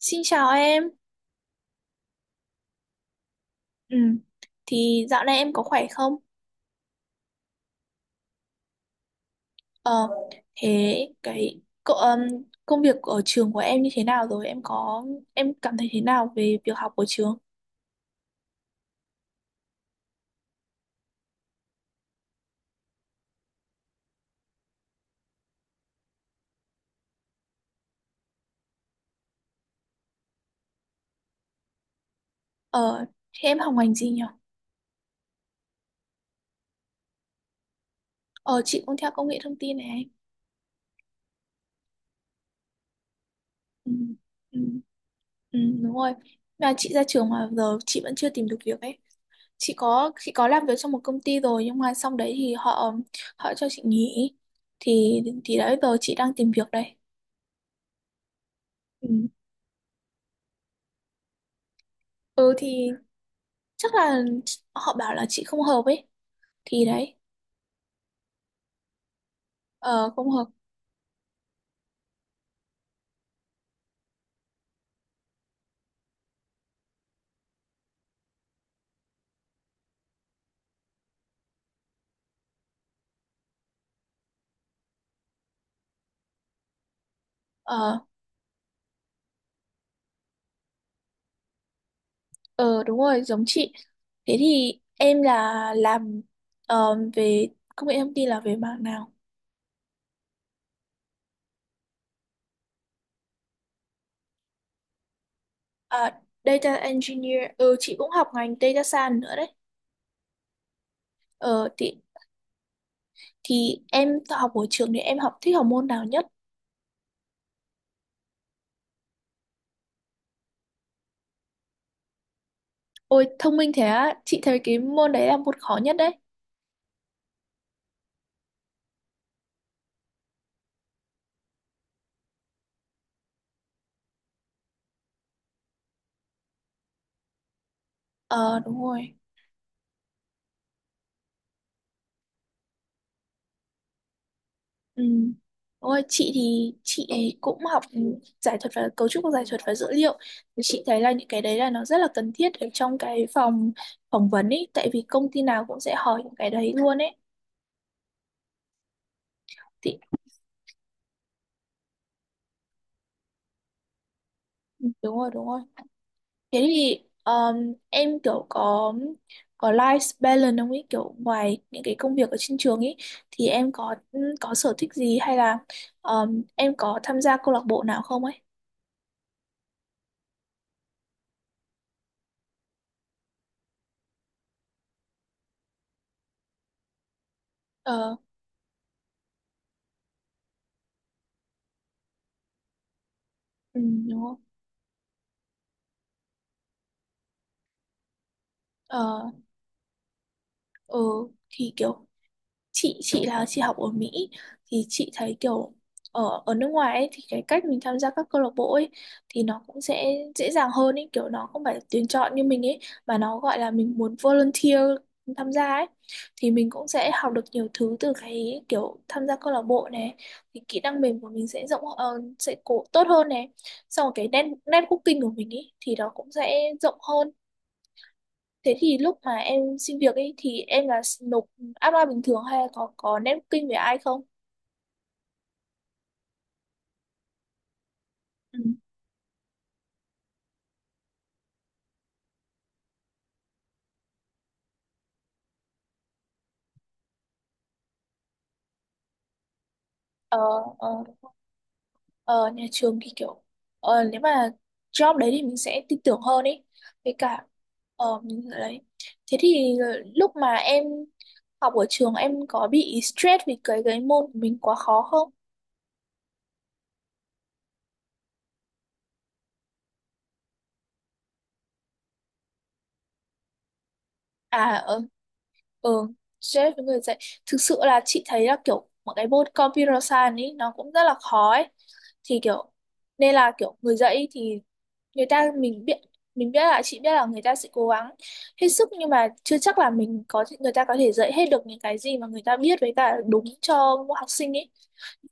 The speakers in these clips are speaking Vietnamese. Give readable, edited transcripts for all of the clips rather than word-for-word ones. Xin chào em. Ừ. Thì dạo này em có khỏe không? Ờ, thế cái công việc ở trường của em như thế nào rồi? Em có em cảm thấy thế nào về việc học ở trường? Ờ, thế em học ngành gì nhỉ? Ờ, chị cũng theo công nghệ thông tin này. Ừ, ừ, ừ, đúng rồi. Mà chị ra trường mà giờ chị vẫn chưa tìm được việc ấy. Chị có làm việc trong một công ty rồi nhưng mà xong đấy thì họ họ cho chị nghỉ. Thì đấy giờ chị đang tìm việc đây. Ừ. Ừ thì chắc là họ bảo là chị không hợp ấy thì đấy. Ờ không hợp. Ờ ờ đúng rồi giống chị. Thế thì em là làm, về công nghệ thông tin là về mảng nào? À, data engineer, ừ chị cũng học ngành data science nữa đấy. Ờ thì thì em học ở trường thì em học thích học môn nào nhất? Ôi thông minh thế á, chị thấy cái môn đấy là môn khó nhất đấy. Ờ đúng rồi. Ừ. Ôi, chị thì chị ấy cũng học giải thuật và cấu trúc của giải thuật và dữ liệu, thì chị thấy là những cái đấy là nó rất là cần thiết ở trong cái phỏng vấn ấy, tại vì công ty nào cũng sẽ hỏi những cái đấy luôn ấy. Thì ừ, đúng rồi. Thế thì em kiểu có life balance không ấy, kiểu ngoài những cái công việc ở trên trường ấy thì em có ừ, có sở thích gì hay là em có tham gia câu lạc bộ nào không ấy? Ờ. Ừ, đúng không. Ờ. Ừ thì kiểu chị là chị học ở Mỹ, thì chị thấy kiểu ở ở nước ngoài ấy, thì cái cách mình tham gia các câu lạc bộ ấy thì nó cũng sẽ dễ dàng hơn ấy, kiểu nó không phải tuyển chọn như mình ấy, mà nó gọi là mình muốn volunteer tham gia ấy. Thì mình cũng sẽ học được nhiều thứ từ cái kiểu tham gia câu lạc bộ này, thì kỹ năng mềm của mình sẽ rộng sẽ cố tốt hơn này. Xong rồi cái networking của mình ấy thì nó cũng sẽ rộng hơn. Thế thì lúc mà em xin việc ấy thì em là nộp apply bình thường hay là có networking với ai không? Ừ. Ờ, ờ, ờ, nhà trường thì kiểu nếu mà job đấy thì mình sẽ tin tưởng hơn ấy. Với cả mình đấy. Thế thì lúc mà em học ở trường em có bị stress vì cái môn của mình quá khó không? À ờ, Ừ, stress với người dạy. Thực sự là chị thấy là kiểu một cái môn computer science ấy nó cũng rất là khó ấy. Thì kiểu nên là kiểu người dạy ý thì người ta mình biết là chị biết là người ta sẽ cố gắng hết sức, nhưng mà chưa chắc là mình có người ta có thể dạy hết được những cái gì mà người ta biết với cả đúng cho mỗi học sinh ấy.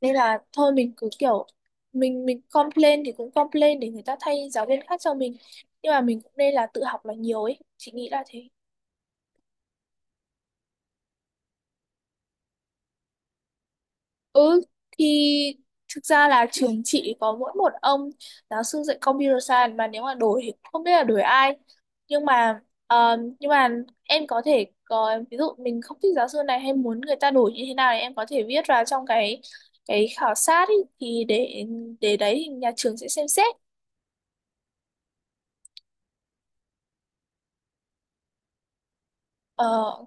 Nên là thôi mình cứ kiểu mình complain thì cũng complain để người ta thay giáo viên khác cho mình. Nhưng mà mình cũng nên là tự học là nhiều ấy. Chị nghĩ là thế. Ừ thì thực ra là trường chị có mỗi một ông giáo sư dạy computer science, mà nếu mà đổi thì không biết là đổi ai, nhưng mà ờ, nhưng mà em có thể có ví dụ mình không thích giáo sư này hay muốn người ta đổi như thế nào thì em có thể viết vào trong cái khảo sát ý, thì để đấy thì nhà trường sẽ xem xét. Ờ.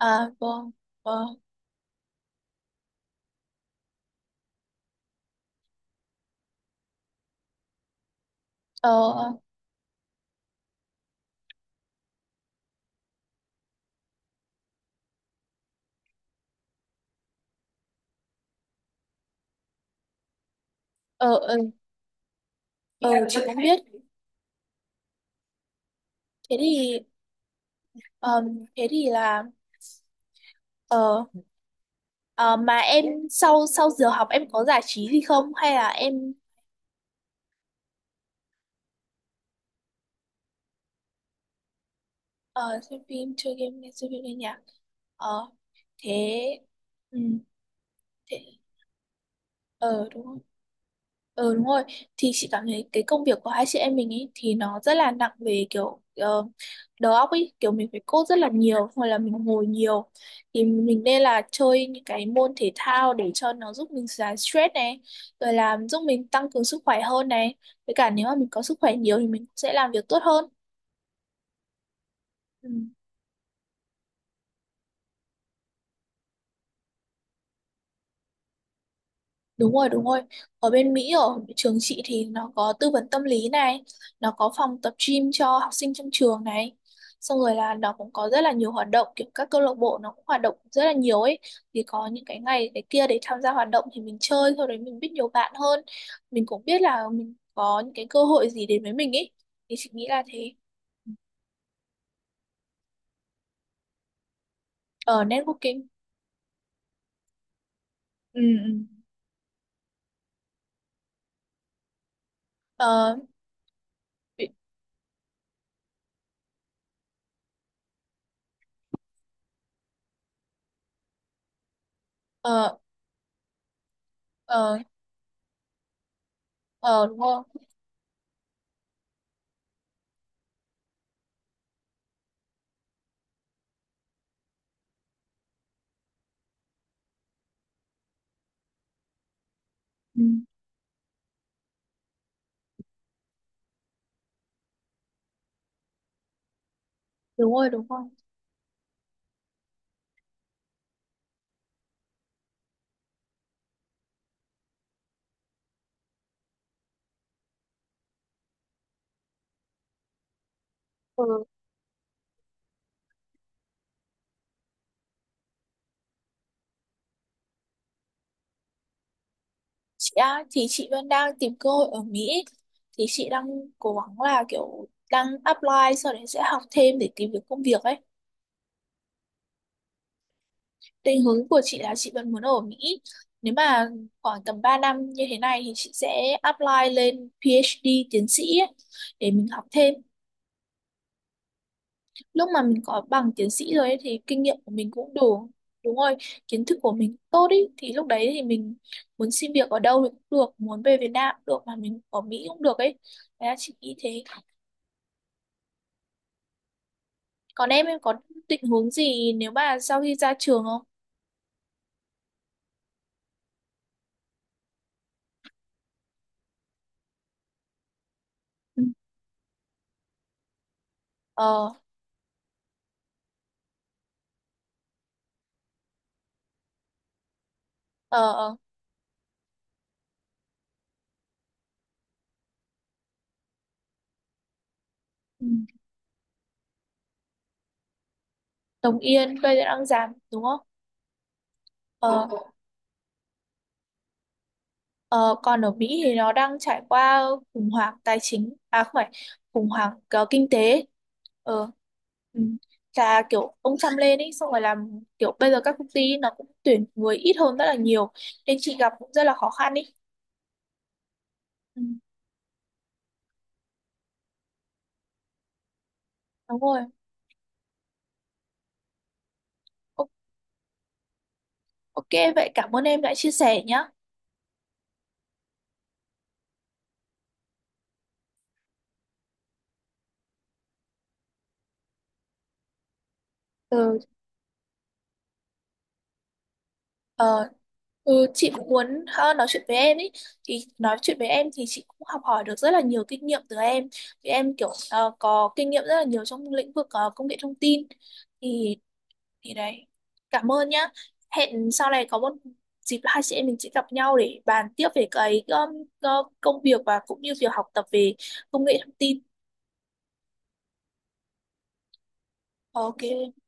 À vâng. Vâng. ờ ờ ờ ờ, ờ, chị cũng biết. Thế thì ờ, thế thì là ờ Ờ, mà em sau sau giờ học em có giải trí gì không hay là em ờ, xem phim chơi game xem phim nghe nhạc. Ờ. Thế. Ừ. Thế. Ờ đúng rồi ờ đúng rồi, thì chị cảm thấy cái công việc của hai chị em mình ấy thì nó rất là nặng về kiểu đầu óc ấy, kiểu mình phải code rất là nhiều hoặc là mình ngồi nhiều. Thì mình nên là chơi những cái môn thể thao để cho nó giúp mình giải stress này, rồi làm giúp mình tăng cường sức khỏe hơn này, với cả nếu mà mình có sức khỏe nhiều thì mình sẽ làm việc tốt hơn. Ừ. Đúng rồi, đúng rồi. Ở bên Mỹ, ở trường chị thì nó có tư vấn tâm lý này, nó có phòng tập gym cho học sinh trong trường này. Xong rồi là nó cũng có rất là nhiều hoạt động, kiểu các câu lạc bộ nó cũng hoạt động rất là nhiều ấy. Thì có những cái ngày cái kia để tham gia hoạt động thì mình chơi, sau đấy mình biết nhiều bạn hơn. Mình cũng biết là mình có những cái cơ hội gì đến với mình ấy. Thì chị nghĩ là thế. Ở networking. Ừ, ừ. Ờ, bị- ờ, ờ, ờ, đúng rồi. Ừ, đúng rồi Ừ. Chị à, thì chị vẫn đang tìm cơ hội ở Mỹ, thì chị đang cố gắng là kiểu đang apply, sau đấy sẽ học thêm để tìm được công việc ấy. Định hướng của chị là chị vẫn muốn ở Mỹ. Nếu mà khoảng tầm 3 năm như thế này thì chị sẽ apply lên PhD tiến sĩ ấy, để mình học thêm. Lúc mà mình có bằng tiến sĩ rồi ấy, thì kinh nghiệm của mình cũng đủ. Đúng rồi, kiến thức của mình tốt ý thì lúc đấy thì mình muốn xin việc ở đâu thì cũng được, muốn về Việt Nam cũng được mà mình ở Mỹ cũng được ấy. Đấy là chị nghĩ thế. Còn em có định hướng gì nếu mà sau khi ra trường không? Ừ. ờ ờ ờ, ừ. Đồng Yên bây giờ đang giảm đúng không? ờ ờ, còn ở Mỹ thì nó đang trải qua khủng hoảng tài chính, à không phải khủng hoảng kinh tế. Ờ. Ừ. Là kiểu ông Trump lên ấy xong rồi làm kiểu bây giờ các công ty nó cũng tuyển người ít hơn rất là nhiều, nên chị gặp cũng rất là khó khăn ý. Ừ. Đúng rồi. O- ok, vậy cảm ơn em đã chia sẻ nhá. Ừ. ờ, Ừ, chị cũng muốn nói chuyện với em ý, thì nói chuyện với em thì chị cũng học hỏi được rất là nhiều kinh nghiệm từ em, thì em kiểu có kinh nghiệm rất là nhiều trong lĩnh vực công nghệ thông tin. Thì thì đấy, cảm ơn nhá. Hẹn sau này có một dịp hai chị em mình sẽ gặp nhau để bàn tiếp về cái công việc, và cũng như việc học tập về công nghệ thông tin. Ok.